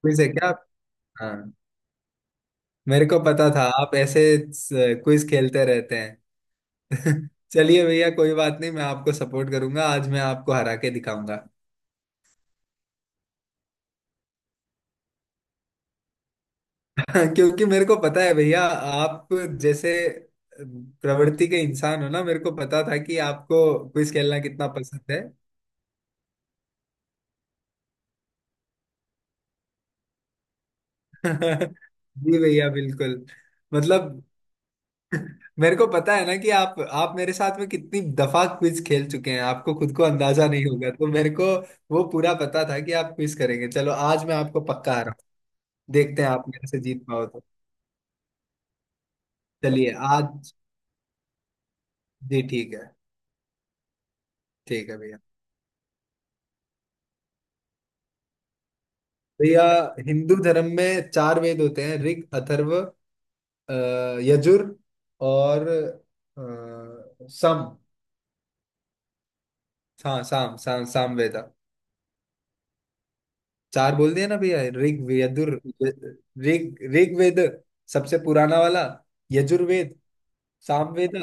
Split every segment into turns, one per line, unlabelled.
Quiz है क्या आप? हाँ। मेरे को पता था आप ऐसे क्विज खेलते रहते हैं। चलिए भैया, कोई बात नहीं, मैं आपको सपोर्ट करूंगा। आज मैं आपको हरा के दिखाऊंगा। क्योंकि मेरे को पता है भैया, आप जैसे प्रवृत्ति के इंसान हो ना, मेरे को पता था कि आपको क्विज खेलना कितना पसंद है। जी भैया, बिल्कुल। मतलब मेरे को पता है ना कि आप मेरे साथ में कितनी दफा क्विज खेल चुके हैं, आपको खुद को अंदाजा नहीं होगा, तो मेरे को वो पूरा पता था कि आप क्विज करेंगे। चलो, आज मैं आपको पक्का हरा रहा। देखते हैं आप मेरे से जीत पाओ तो। चलिए आज। जी ठीक है। ठीक है भैया। भैया, हिंदू धर्म में 4 वेद होते हैं। ऋग, अथर्व, अ, यजुर और साम। हाँ, साम, साम वेद। चार बोल दिया ना भैया, ऋग, यजुर। ऋग, ऋग्वेद, सबसे पुराना वाला। यजुर्वेद, सामवेद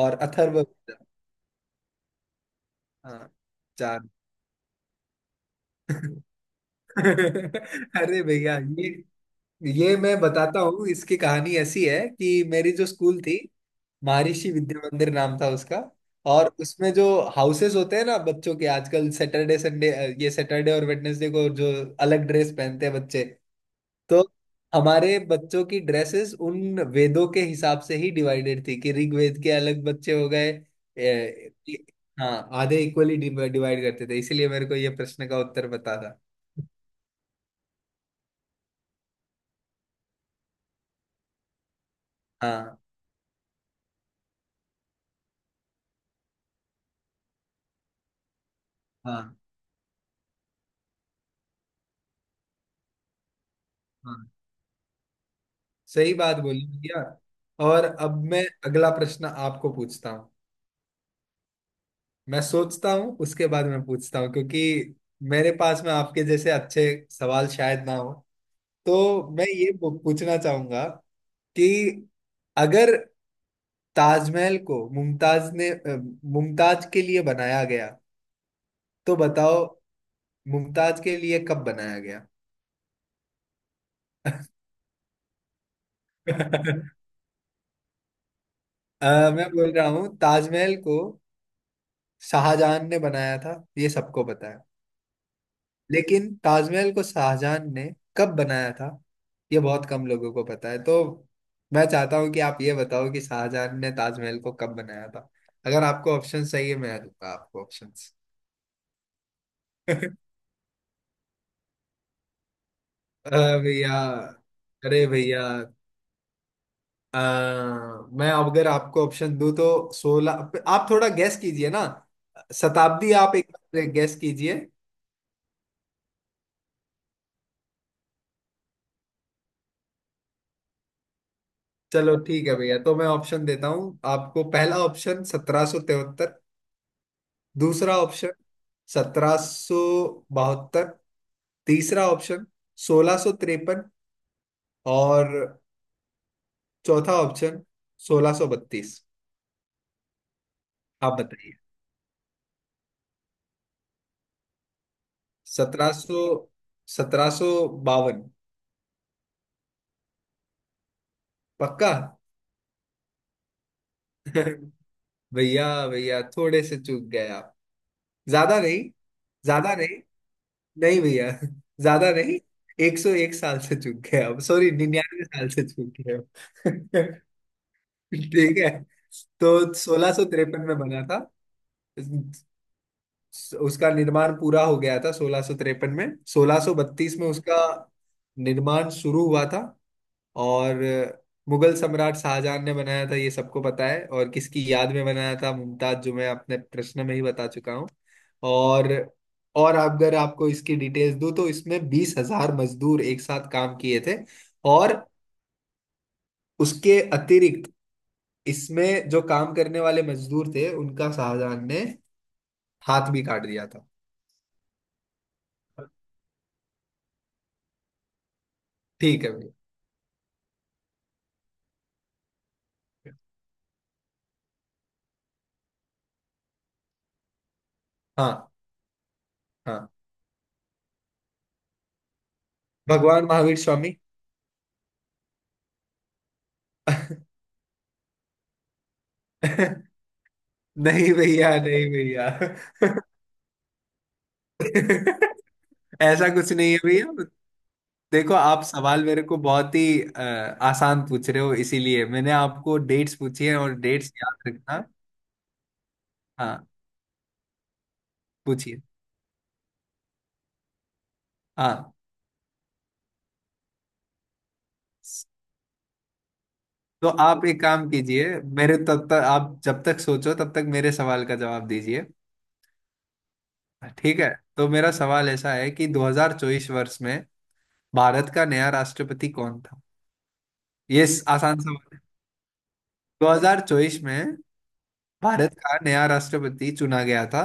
और अथर्ववेद। हाँ, चार। अरे भैया, ये मैं बताता हूँ। इसकी कहानी ऐसी है कि मेरी जो स्कूल थी, महर्षि विद्या मंदिर नाम था उसका। और उसमें जो हाउसेस होते हैं ना बच्चों के, आजकल सैटरडे, संडे, ये सैटरडे और वेडनेसडे को जो अलग ड्रेस पहनते हैं बच्चे, तो हमारे बच्चों की ड्रेसेस उन वेदों के हिसाब से ही डिवाइडेड थी कि ऋग्वेद के अलग बच्चे हो गए। ए, ए- हाँ, आधे इक्वली डिवाइड करते थे, इसीलिए मेरे को ये प्रश्न का उत्तर पता था। हाँ। हाँ। हाँ, सही बात बोली भैया। और अब मैं अगला प्रश्न आपको पूछता हूँ। मैं सोचता हूँ, उसके बाद मैं पूछता हूँ क्योंकि मेरे पास में आपके जैसे अच्छे सवाल शायद ना हो। तो मैं ये पूछना चाहूंगा कि अगर ताजमहल को मुमताज ने मुमताज के लिए बनाया गया, तो बताओ मुमताज के लिए कब बनाया गया। मैं बोल रहा हूँ ताजमहल को शाहजहां ने बनाया था, ये सबको पता है। लेकिन ताजमहल को शाहजहां ने कब बनाया था ये बहुत कम लोगों को पता है। तो मैं चाहता हूँ कि आप ये बताओ कि शाहजहां ने ताजमहल को कब बनाया था। अगर आपको ऑप्शन चाहिए, मैं दूंगा आपको ऑप्शंस। अरे भैया, अरे भैया, अ, मैं अब अगर आपको ऑप्शन दूं तो सोलह, आप थोड़ा गैस कीजिए ना, शताब्दी आप एक बार गैस कीजिए। चलो ठीक है भैया, तो मैं ऑप्शन देता हूँ आपको। पहला ऑप्शन, 1773। दूसरा ऑप्शन, 1772। तीसरा ऑप्शन, 1653। और चौथा ऑप्शन, 1632। आप बताइए। सत्रह सौ, 1752। पक्का? भैया, भैया, थोड़े से चूक गए आप। ज्यादा नहीं, ज्यादा नहीं। नहीं भैया। ज्यादा नहीं। 101 साल से चूक गए आप, सॉरी, 99 साल से चूक गए आप। ठीक है। तो 1653 में बना था, उसका निर्माण पूरा हो गया था 1653 में। सोलह सौ बत्तीस में उसका निर्माण शुरू हुआ था। और मुगल सम्राट शाहजहां ने बनाया था, ये सबको पता है। और किसकी याद में बनाया था, मुमताज, जो मैं अपने प्रश्न में ही बता चुका हूँ। और और अगर आपको इसकी डिटेल्स दूं तो इसमें 20 हज़ार मजदूर एक साथ काम किए थे। और उसके अतिरिक्त, इसमें जो काम करने वाले मजदूर थे, उनका शाहजहां ने हाथ भी काट दिया था। ठीक है भैया। हाँ। हाँ, भगवान महावीर स्वामी। नहीं भैया, नहीं भैया। ऐसा कुछ नहीं है भैया। देखो, आप सवाल मेरे को बहुत ही आसान पूछ रहे हो, इसीलिए मैंने आपको डेट्स पूछी है, और डेट्स याद रखना। हाँ। पूछिए। हाँ, तो आप एक काम कीजिए, मेरे तब तक आप जब तक सोचो, तब तक मेरे सवाल का जवाब दीजिए। ठीक है। तो मेरा सवाल ऐसा है कि 2024 वर्ष में भारत का नया राष्ट्रपति कौन था। ये आसान सवाल है। 2024 में भारत का नया राष्ट्रपति चुना गया था,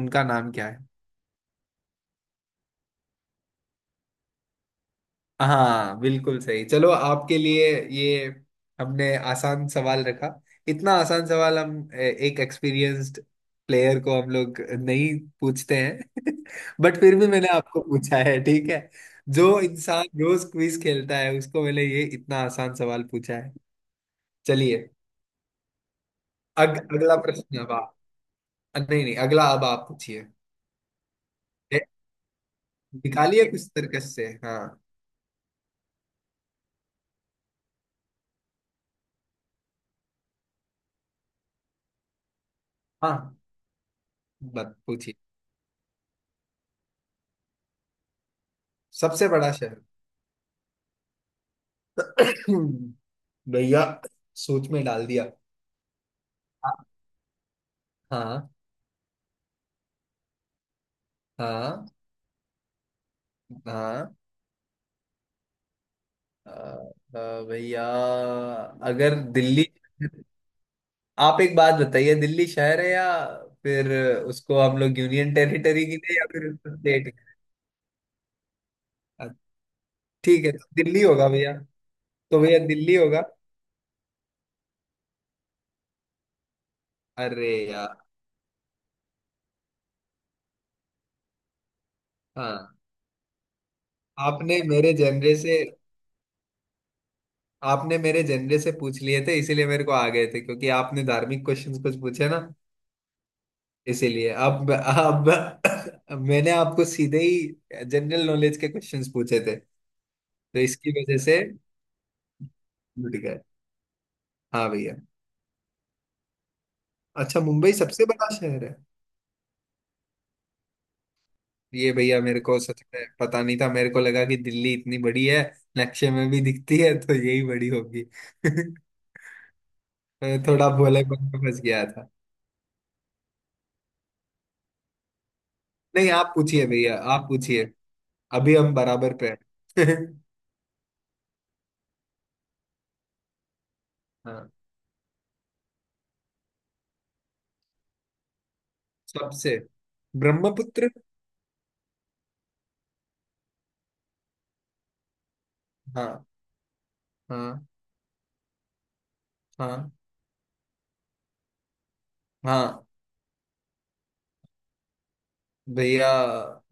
उनका नाम क्या है? हाँ, बिल्कुल सही। चलो, आपके लिए ये हमने आसान सवाल रखा। इतना आसान सवाल हम एक एक्सपीरियंस्ड प्लेयर को हम लोग नहीं पूछते हैं। बट फिर भी मैंने आपको पूछा है, ठीक है? जो इंसान रोज क्विज खेलता है, उसको मैंने ये इतना आसान सवाल पूछा है। चलिए। अग, अगला प्रश्न अब आप, नहीं नहीं, अगला अब आप पूछिए। ए, निकालिए कुछ तर्कश से। हाँ, हाँ, बत पूछिए। सबसे बड़ा शहर? भैया, सोच में डाल दिया। हाँ। हाँ। हाँ। अ, भैया, अगर दिल्ली, आप एक बात बताइए, दिल्ली शहर है या फिर उसको हम लोग यूनियन टेरिटरी की थे, या फिर उसको स्टेट? ठीक है, तो दिल्ली होगा भैया। तो भैया, दिल्ली होगा। अरे यार। हाँ। आपने मेरे जनरे से, आपने मेरे जनरे से पूछ लिए थे, इसीलिए मेरे को आ गए थे क्योंकि आपने धार्मिक क्वेश्चंस कुछ पूछे ना, इसीलिए अब, अब मैंने आपको सीधे ही जनरल नॉलेज के क्वेश्चंस पूछे थे, तो इसकी वजह से छूट गए। हाँ भैया। अच्छा, मुंबई सबसे बड़ा शहर है? ये भैया, मेरे को सच में पता नहीं था। मेरे को लगा कि दिल्ली इतनी बड़ी है, नक्शे में भी दिखती है, तो यही बड़ी होगी। मैं थोड़ा भोलेपन में फंस गया था। नहीं, आप पूछिए भैया, आप पूछिए। अभी हम बराबर पे हैं। हाँ। सबसे, ब्रह्मपुत्र। हाँ। हाँ। हाँ। हाँ भैया,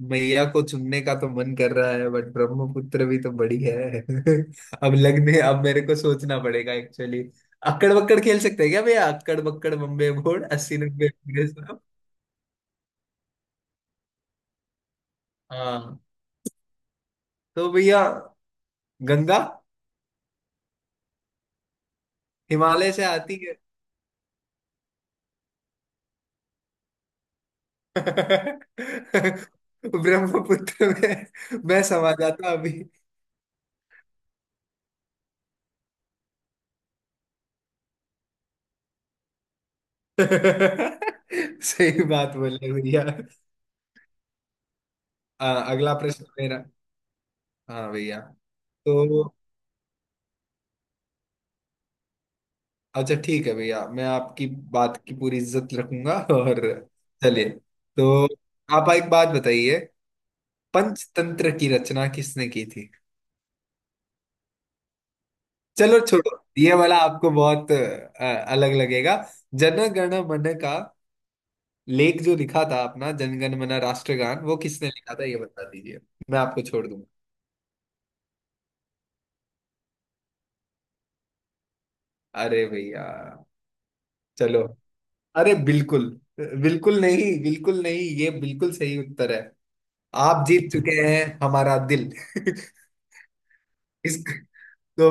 भैया को चुनने का तो मन कर रहा है, बट ब्रह्मपुत्र भी तो बड़ी है। अब लगने, अब मेरे को सोचना पड़ेगा एक्चुअली। अक्कड़ बक्कड़ खेल सकते हैं क्या भैया, अक्कड़ बक्कड़ बम्बे बोर्ड, अस्सी नब्बे पूरे सब। हाँ, तो भैया, गंगा हिमालय से आती है। ब्रह्मपुत्र में मैं समा जाता अभी। सही बात बोले भैया। अगला प्रश्न मेरा। हाँ भैया। तो अच्छा, ठीक है भैया, मैं आपकी बात की पूरी इज्जत रखूंगा। और चलिए। तो आप एक बात बताइए, पंचतंत्र की रचना किसने की थी? चलो छोड़ो, ये वाला आपको बहुत अलग लगेगा। जन गण मन का लेख जो लिखा था, अपना जनगण मन राष्ट्रगान, वो किसने लिखा था ये बता दीजिए, मैं आपको छोड़ दूंगा। अरे भैया, चलो। अरे बिल्कुल, बिल्कुल नहीं, बिल्कुल नहीं, ये बिल्कुल सही उत्तर है। आप जीत चुके हैं हमारा दिल। इस, तो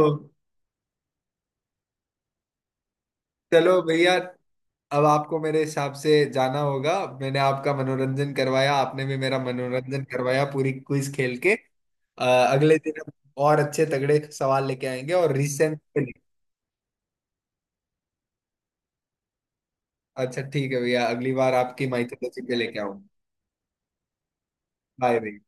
चलो भैया, अब आपको मेरे हिसाब से जाना होगा। मैंने आपका मनोरंजन करवाया, आपने भी मेरा मनोरंजन करवाया, पूरी क्विज खेल के। अ, अगले दिन हम और अच्छे तगड़े सवाल लेके आएंगे और रिसेंट। अच्छा ठीक है भैया, अगली बार आपकी माइथोलॉजी पे लेके आऊँ। बाय भैया।